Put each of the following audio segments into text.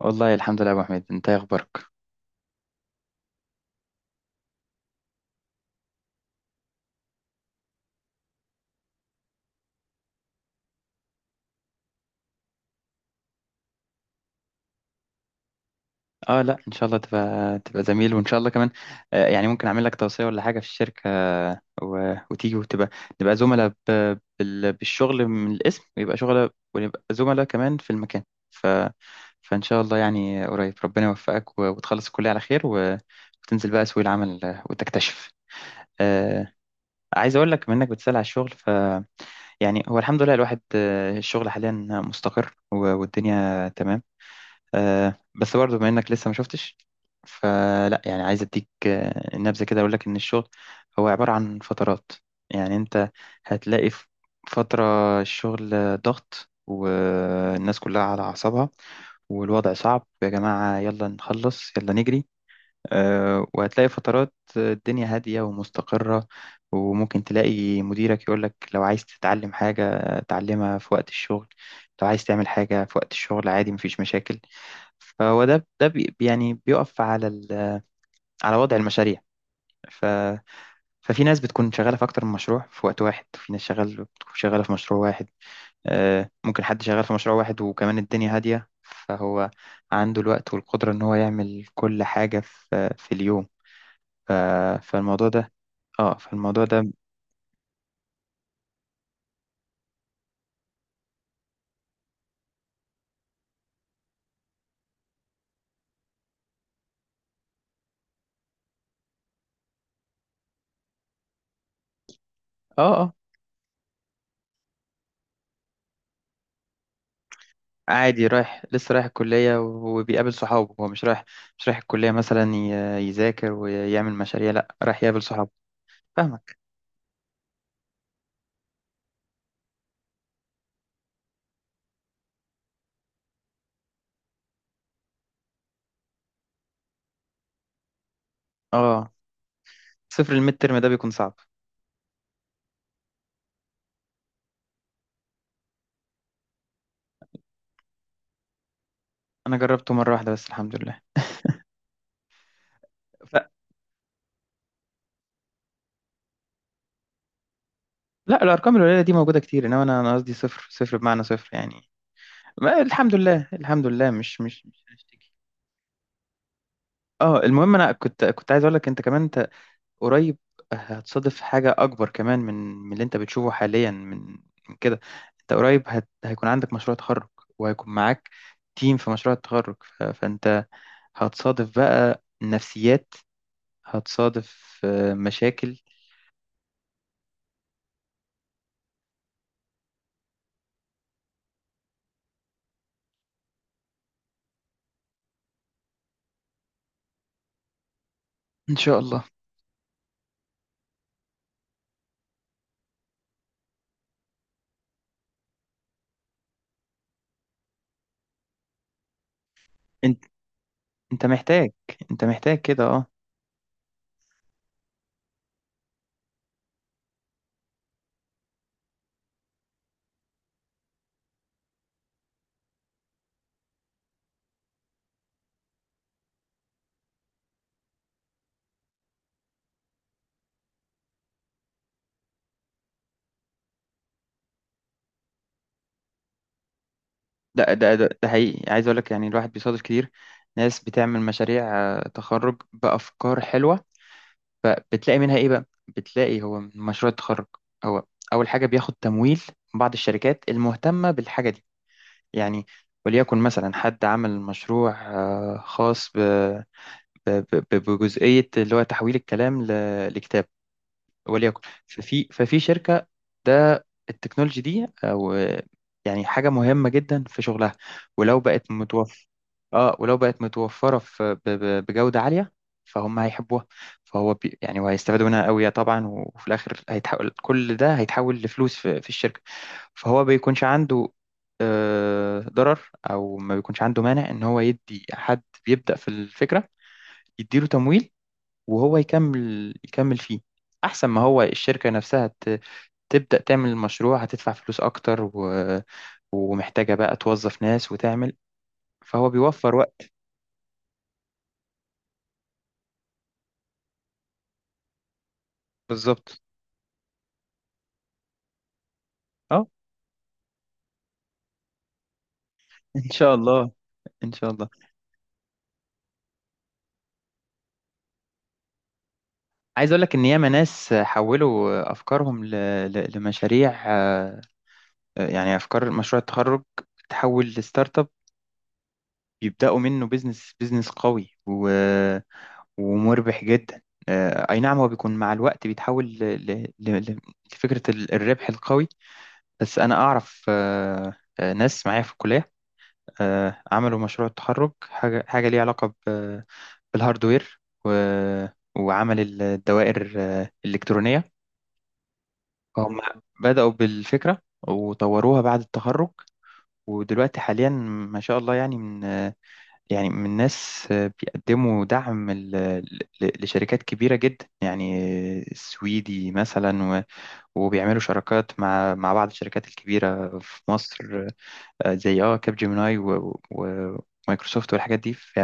والله الحمد لله يا ابو حميد، انت إيه اخبارك؟ اه، لا ان شاء الله تبقى زميل وان شاء الله كمان. يعني ممكن اعمل لك توصيه ولا حاجه في الشركه، وتيجي وتبقى نبقى زملاء بالشغل من الاسم، ويبقى شغل ونبقى زملاء كمان في المكان. ف... فان شاء الله يعني قريب ربنا يوفقك، وتخلص الكليه على خير، وتنزل بقى سوق العمل، وتكتشف. آه عايز اقول لك، منك بتسأل على الشغل. يعني هو الحمد لله الواحد، الشغل حاليا مستقر، و... والدنيا تمام. بس برضه بما انك لسه ما شفتش، فلا يعني عايز اديك نبذه كده، اقول لك ان الشغل هو عباره عن فترات. يعني انت هتلاقي في فتره الشغل ضغط، والناس كلها على اعصابها والوضع صعب. يا جماعه يلا نخلص يلا نجري. وهتلاقي فترات الدنيا هاديه ومستقره، وممكن تلاقي مديرك يقولك: لو عايز تتعلم حاجه تعلمها في وقت الشغل، لو عايز تعمل حاجه في وقت الشغل عادي مفيش مشاكل. فهو ده يعني بيقف على على وضع المشاريع. ف... ففي ناس بتكون شغالة في أكتر من مشروع في وقت واحد، وفي ناس شغال بتكون شغالة في مشروع واحد. ممكن حد شغال في مشروع واحد وكمان الدنيا هادية، فهو عنده الوقت والقدرة إن هو يعمل كل حاجة في اليوم. ف... فالموضوع ده اه فالموضوع ده. اه، اه، عادي، لسه رايح الكلية وبيقابل صحابه. هو مش رايح الكلية مثلا يذاكر ويعمل مشاريع، لا رايح يقابل صحابه. فاهمك. اه، صفر الميد ترم ده بيكون صعب. انا جربته مره واحده بس، الحمد لله. ف... لا، الارقام القليله دي موجوده كتير، انما انا قصدي صفر صفر بمعنى صفر يعني. ما الحمد لله، الحمد لله، مش هشتكي. اه، المهم انا كنت عايز اقول لك انت كمان. انت قريب هتصادف حاجه اكبر كمان من اللي انت بتشوفه حاليا، من كده. انت قريب هيكون عندك مشروع تخرج، وهيكون معاك تيم في مشروع التخرج. فانت هتصادف بقى نفسيات، هتصادف مشاكل. ان شاء الله. انت محتاج انت محتاج كده، اه. ده حقيقي، عايز اقول لك يعني الواحد بيصادف كتير ناس بتعمل مشاريع تخرج بافكار حلوه. فبتلاقي منها ايه بقى؟ بتلاقي هو من مشروع التخرج، هو اول حاجه بياخد تمويل من بعض الشركات المهتمه بالحاجه دي، يعني. وليكن مثلا حد عمل مشروع خاص بجزئيه اللي هو تحويل الكلام لكتاب، وليكن. ففي شركة، ده التكنولوجي دي، او يعني حاجة مهمة جدا في شغلها. ولو بقت متوفر اه ولو بقت متوفرة في بجودة عالية، فهم هيحبوها. فهو يعني وهيستفادوا منها قوي طبعا، وفي الاخر كل ده هيتحول لفلوس في الشركة. فهو بيكونش عنده ضرر، او ما بيكونش عنده مانع ان هو يدي حد بيبدأ في الفكرة يديله تمويل، وهو يكمل فيه. احسن ما هو الشركة نفسها تبدأ تعمل المشروع، هتدفع فلوس اكتر، و... ومحتاجة بقى توظف ناس وتعمل. فهو بيوفر وقت. بالظبط، اه. ان شاء الله، ان شاء الله. عايز اقول لك ان ياما ناس حولوا افكارهم لمشاريع، يعني افكار مشروع التخرج تحول لستارت اب، يبداوا منه بيزنس بيزنس قوي ومربح جدا. اي نعم، هو بيكون مع الوقت بيتحول لفكرة الربح القوي. بس انا اعرف ناس معايا في الكلية عملوا مشروع التخرج حاجة ليها علاقة بالهاردوير، وعمل الدوائر الإلكترونية. هم بدأوا بالفكرة وطوروها بعد التخرج، ودلوقتي حاليا ما شاء الله، يعني من آه، يعني من الناس بيقدموا دعم لشركات كبيرة جدا، يعني السويدي مثلا، وبيعملوا شراكات مع بعض الشركات الكبيرة في مصر، زي كاب جيميناي ومايكروسوفت والحاجات دي.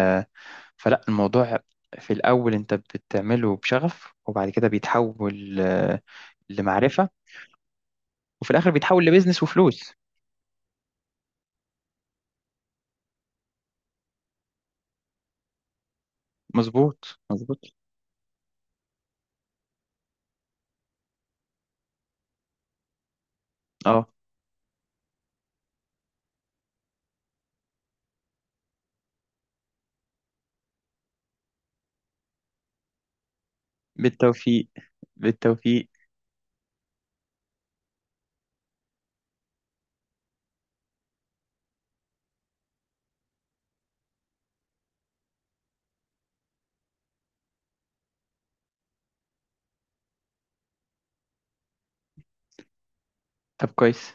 فلا، الموضوع في الأول أنت بتعمله بشغف، وبعد كده بيتحول لمعرفة، وفي الآخر بيتحول لبيزنس وفلوس. مظبوط، مظبوط. اه، بالتوفيق، بالتوفيق. طب كويس.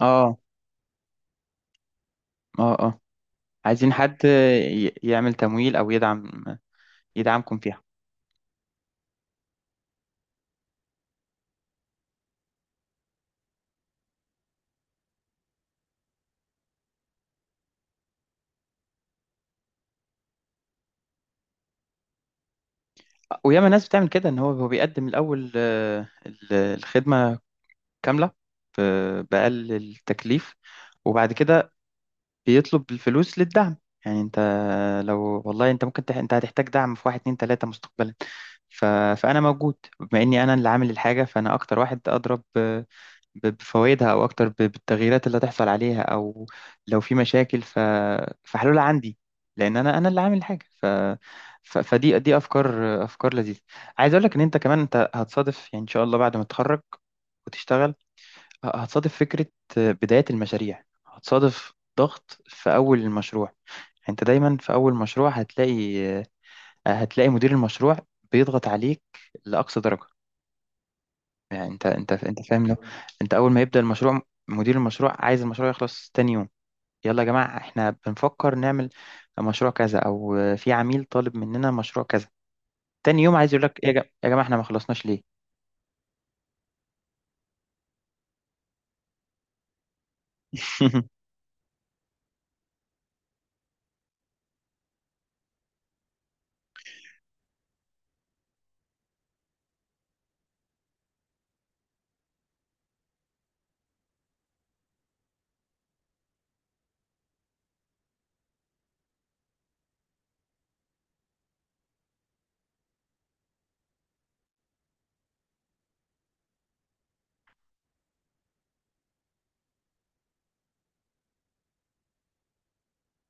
اه، اه، اه، عايزين حد يعمل تمويل، او يدعمكم فيها. وياما ناس بتعمل كده، ان هو بيقدم الاول الخدمه كامله باقل التكليف، وبعد كده بيطلب الفلوس للدعم. يعني انت، لو والله انت هتحتاج دعم في واحد اتنين تلاته مستقبلا. ف... فانا موجود، بما اني انا اللي عامل الحاجه، فانا اكتر واحد اضرب بفوائدها، او اكتر بالتغييرات اللي هتحصل عليها، او لو في مشاكل فحلولها عندي، لان انا اللي عامل الحاجه. فدي افكار افكار لذيذه. عايز اقول لك ان انت كمان انت هتصادف، يعني ان شاء الله بعد ما تتخرج وتشتغل، هتصادف فكره بدايه المشاريع، هتصادف ضغط في اول المشروع. يعني انت دايما في اول مشروع هتلاقي مدير المشروع بيضغط عليك لاقصى درجه. يعني انت فاهم؟ لو انت اول ما يبدأ المشروع، مدير المشروع عايز المشروع يخلص تاني يوم. يلا يا جماعة، احنا بنفكر نعمل مشروع كذا، او في عميل طالب مننا مشروع كذا، تاني يوم عايز يقول لك: ايه يا جماعة, يا جماعة احنا ما خلصناش ليه؟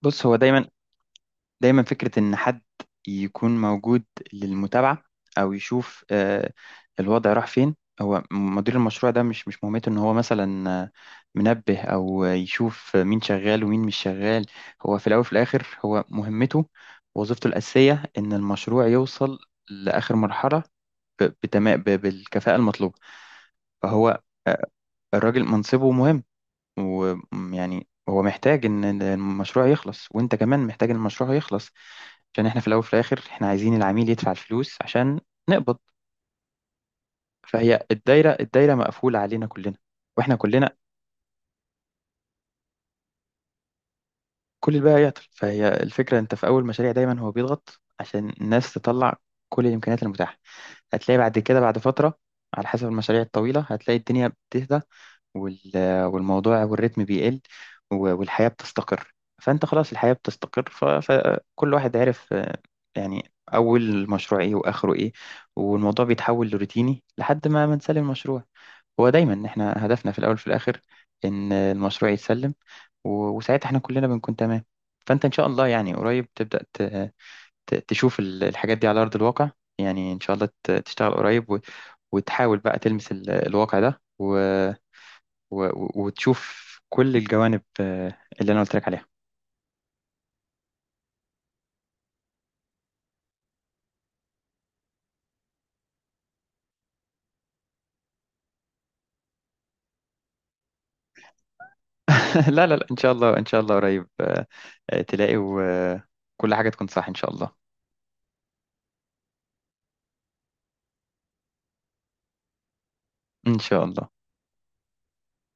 بص، هو دايما دايما فكرة إن حد يكون موجود للمتابعة، أو يشوف الوضع راح فين. هو مدير المشروع ده مش مهمته إن هو مثلا منبه، أو يشوف مين شغال ومين مش شغال. هو في الأول وفي الآخر، هو مهمته وظيفته الأساسية إن المشروع يوصل لآخر مرحلة، بتمام بالكفاءة المطلوبة. فهو آه، الراجل منصبه مهم، ويعني هو محتاج إن المشروع يخلص، وأنت كمان محتاج إن المشروع يخلص، عشان احنا في الاول وفي الاخر احنا عايزين العميل يدفع الفلوس عشان نقبض. فهي الدايره مقفوله علينا كلنا، واحنا كلنا، كل الباقي هيعطل. فهي الفكره، انت في اول مشاريع دايما هو بيضغط عشان الناس تطلع كل الامكانيات المتاحه. هتلاقي بعد كده بعد فتره، على حسب المشاريع الطويله، هتلاقي الدنيا بتهدى، وال- والموضوع والريتم بيقل، و- والحياة بتستقر. فأنت خلاص الحياة بتستقر، ف- فكل واحد عارف يعني أول المشروع إيه وآخره إيه. والموضوع بيتحول لروتيني لحد ما نسلم المشروع. هو دايما إحنا هدفنا في الأول وفي الآخر إن المشروع يتسلم، و- وساعتها إحنا كلنا بنكون تمام. فأنت إن شاء الله يعني قريب تبدأ تشوف الحاجات دي على أرض الواقع، يعني إن شاء الله تشتغل قريب، و- وتحاول بقى تلمس الواقع ده، و و... و- وتشوف كل الجوانب اللي انا قلت لك عليها. لا، لا، لا، ان شاء الله، ان شاء الله قريب تلاقي وكل حاجه تكون صح ان شاء الله، ان شاء الله.